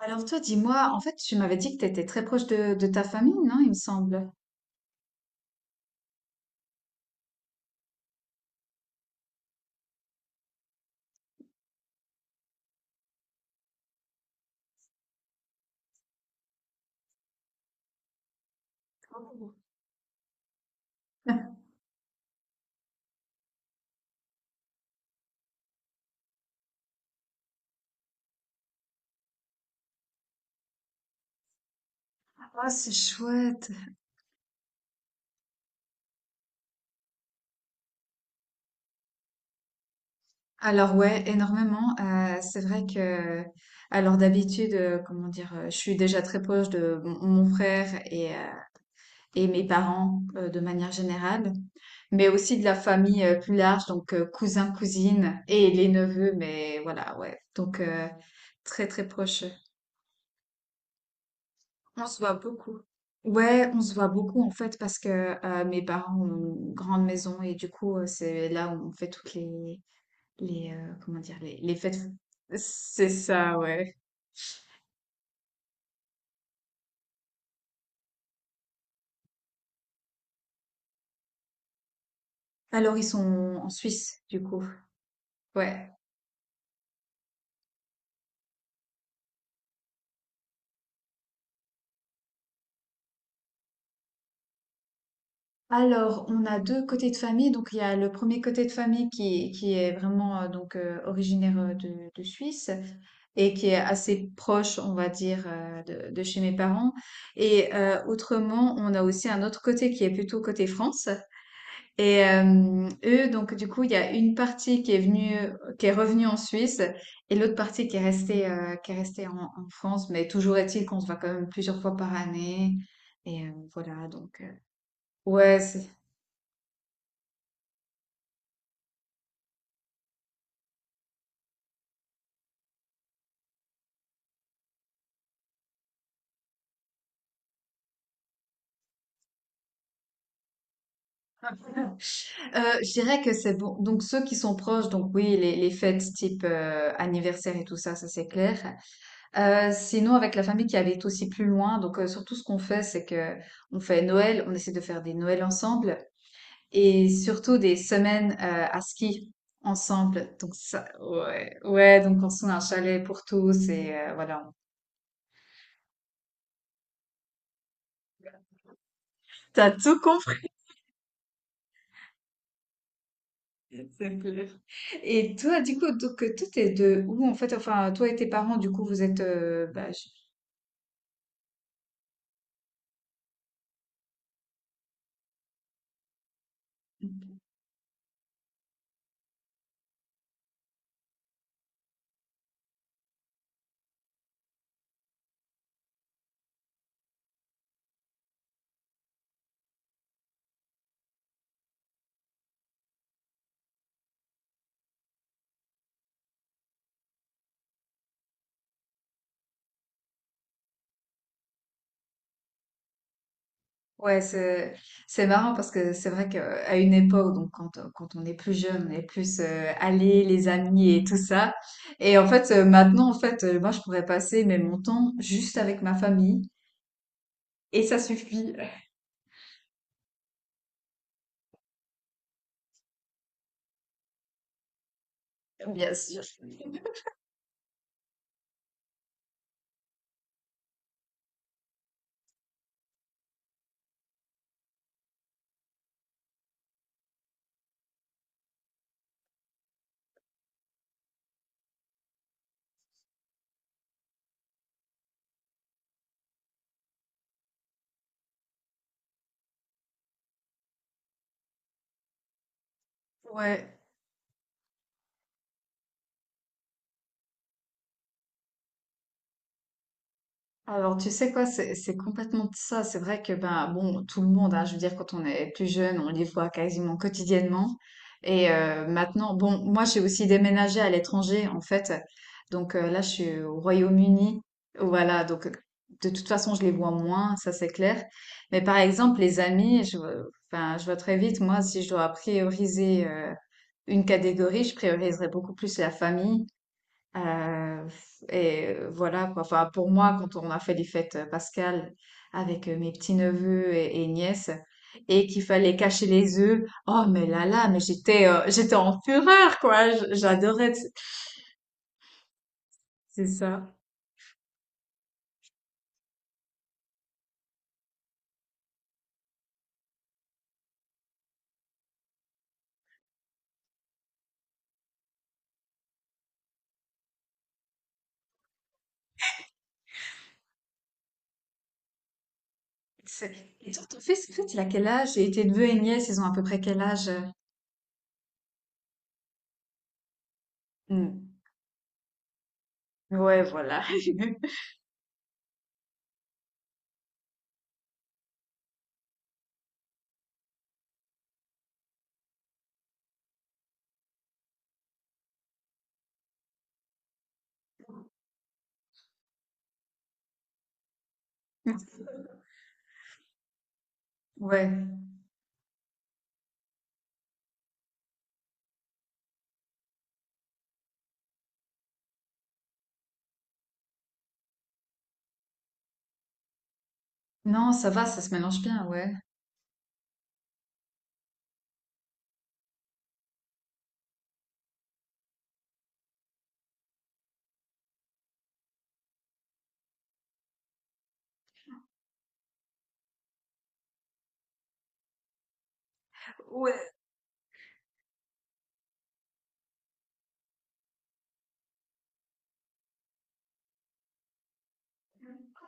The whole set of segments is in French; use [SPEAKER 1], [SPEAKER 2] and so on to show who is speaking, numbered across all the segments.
[SPEAKER 1] Alors toi, dis-moi, tu m'avais dit que tu étais très proche de ta famille, non, il me semble. Oh. Ah, c'est chouette. Alors ouais, énormément. C'est vrai alors d'habitude, comment dire, je suis déjà très proche de mon frère et et mes parents de manière générale, mais aussi de la famille plus large, donc cousins, cousines et les neveux, mais voilà, ouais. Très très proche. On se voit beaucoup. Ouais, on se voit beaucoup en fait parce que mes parents ont une grande maison et du coup, c'est là où on fait toutes les, comment dire, les fêtes. C'est ça, ouais. Alors ils sont en Suisse du coup. Ouais. Alors, on a 2 côtés de famille. Donc, il y a le premier côté de famille qui est vraiment, originaire, de Suisse et qui est assez proche, on va dire, de chez mes parents et autrement, on a aussi un autre côté qui est plutôt côté France et eux, donc du coup, il y a une partie qui est venue, qui est revenue en Suisse et l'autre partie qui est restée en France. Mais toujours est-il qu'on se voit quand même plusieurs fois par année et voilà donc, ouais, c'est Je dirais que c'est bon. Donc ceux qui sont proches, donc oui, les fêtes type anniversaire et tout ça, ça c'est clair. Sinon, avec la famille qui habite aussi plus loin, donc surtout ce qu'on fait, c'est que on fait Noël, on essaie de faire des Noëls ensemble, et surtout des semaines à ski ensemble. Donc ça, ouais, ouais. Donc on se trouve un chalet pour tous et voilà. T'as tout compris. C'est clair. Et toi, du coup, donc toi, t'es de où en fait? Enfin, toi et tes parents, du coup, vous êtes bah, ouais, c'est marrant parce que c'est vrai qu'à une époque, donc quand on est plus jeune, on est plus allé, les amis et tout ça. Et en fait, maintenant, moi, je pourrais passer mais mon temps juste avec ma famille et ça suffit. Bien sûr. Ouais. Alors, tu sais quoi, c'est complètement ça. C'est vrai que, ben, bon, tout le monde, hein, je veux dire, quand on est plus jeune, on les voit quasiment quotidiennement. Et maintenant, bon, moi, j'ai aussi déménagé à l'étranger, en fait. Donc là, je suis au Royaume-Uni. Voilà, donc de toute façon, je les vois moins, ça c'est clair. Mais par exemple, les amis, je vois très vite, moi, si je dois prioriser une catégorie, je prioriserais beaucoup plus la famille. Heu, voilà quoi. Enfin, pour moi, quand on a fait les fêtes, Pascal, avec, mes petits-neveux et nièces et qu'il fallait cacher les œufs, oh mais là là, mais j'étais, j'étais en fureur quoi, je j'adorais. C'est ça. C'est et toi, ton fils, en fait, il a quel âge? Et tes neveux et nièces, ils ont à peu près quel âge, Mmh. Ouais, voilà. Ouais. Non, ça va, ça se mélange bien, ouais. Ouais.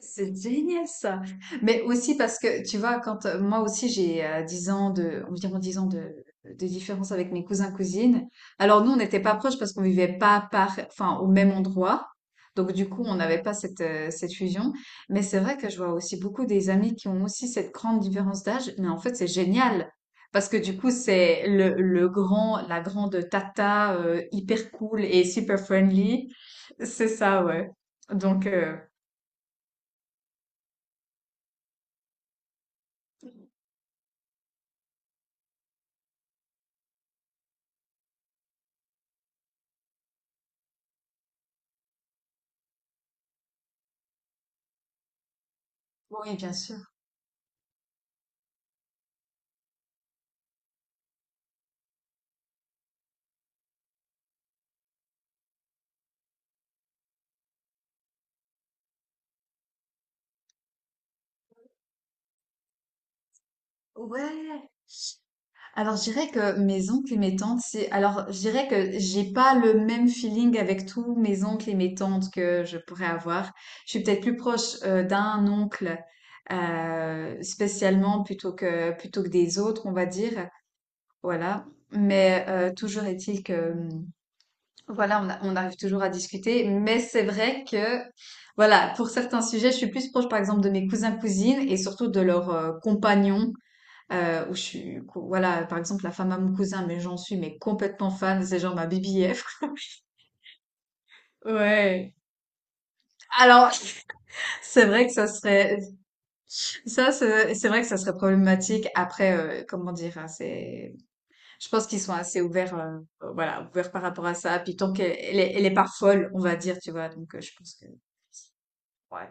[SPEAKER 1] C'est génial, ça. Mais aussi parce que tu vois, quand moi aussi j'ai 10 ans de, environ 10 ans de différence avec mes cousins cousines. Alors nous, on n'était pas proches parce qu'on vivait pas par, enfin, au même endroit. Donc du coup, on n'avait pas cette fusion. Mais c'est vrai que je vois aussi beaucoup des amis qui ont aussi cette grande différence d'âge. Mais en fait, c'est génial. Parce que du coup, c'est le grand, la grande tata hyper cool et super friendly. C'est ça, ouais. Donc, oui, bien sûr. Ouais. Alors, je dirais que mes oncles et mes tantes, c'est. Alors, je dirais que j'ai pas le même feeling avec tous mes oncles et mes tantes que je pourrais avoir. Je suis peut-être plus proche d'un oncle spécialement, plutôt que des autres, on va dire. Voilà. Mais toujours est-il que, voilà, on arrive toujours à discuter. Mais c'est vrai que voilà, pour certains sujets, je suis plus proche, par exemple, de mes cousins cousines et surtout de leurs compagnons où je suis, voilà, par exemple, la femme à mon cousin, mais j'en suis mais complètement fan, c'est genre ma BBF. Ouais. Alors, c'est vrai que ça serait, ça, c'est vrai que ça serait problématique. Après, comment dire, hein, c'est, je pense qu'ils sont assez ouverts, voilà, ouverts par rapport à ça. Puis tant qu'elle elle est pas folle, on va dire, tu vois. Donc, je pense que, ouais,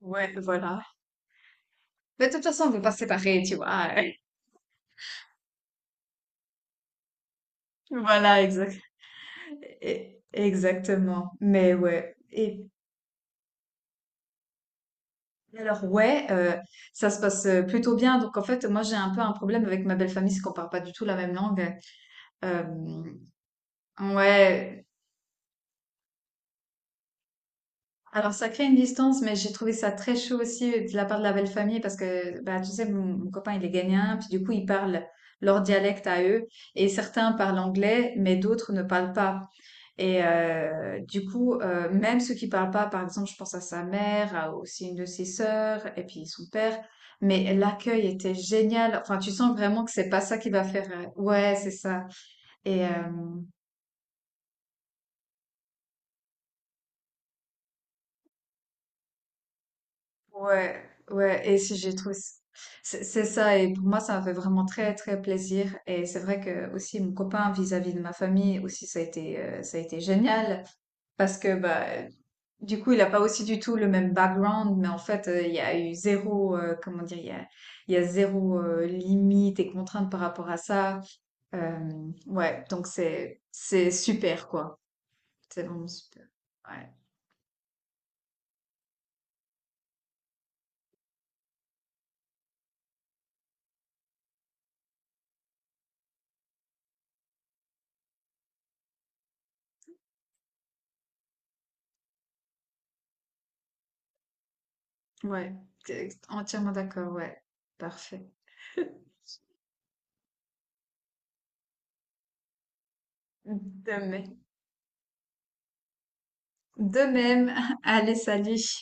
[SPEAKER 1] ouais, voilà. Mais de toute façon, on peut pas se séparer, tu vois. Voilà, exact, exactement. Mais ouais. Et alors ouais, ça se passe, plutôt bien. Donc en fait, moi, j'ai un peu un problème avec ma belle-famille, c'est qu'on parle pas du tout la même langue. Hem, ouais, alors ça crée une distance, mais j'ai trouvé ça très chaud aussi de la part de la belle-famille parce que, bah, tu sais, mon copain, il est ghanéen, puis du coup, ils parlent leur dialecte à eux et certains parlent anglais, mais d'autres ne parlent pas. Et du coup, même ceux qui parlent pas, par exemple, je pense à sa mère, à aussi une de ses sœurs, et puis son père. Mais l'accueil était génial. Enfin, tu sens vraiment que c'est pas ça qui va faire. Ouais, c'est ça. Et euh, ouais, ouais. Et si j'ai trouvé, c'est ça. Et pour moi, ça m'a fait vraiment très, très plaisir. Et c'est vrai que aussi mon copain vis-à-vis de ma famille aussi, ça a été génial parce que bah, du coup, il a pas aussi du tout le même background, mais en fait, il y a eu zéro, comment dire, il y a zéro limite et contrainte par rapport à ça. Ouais, donc c'est super quoi. C'est vraiment super. Ouais, ouais, t'es entièrement d'accord. Ouais, parfait. De même. De même. Allez, salut.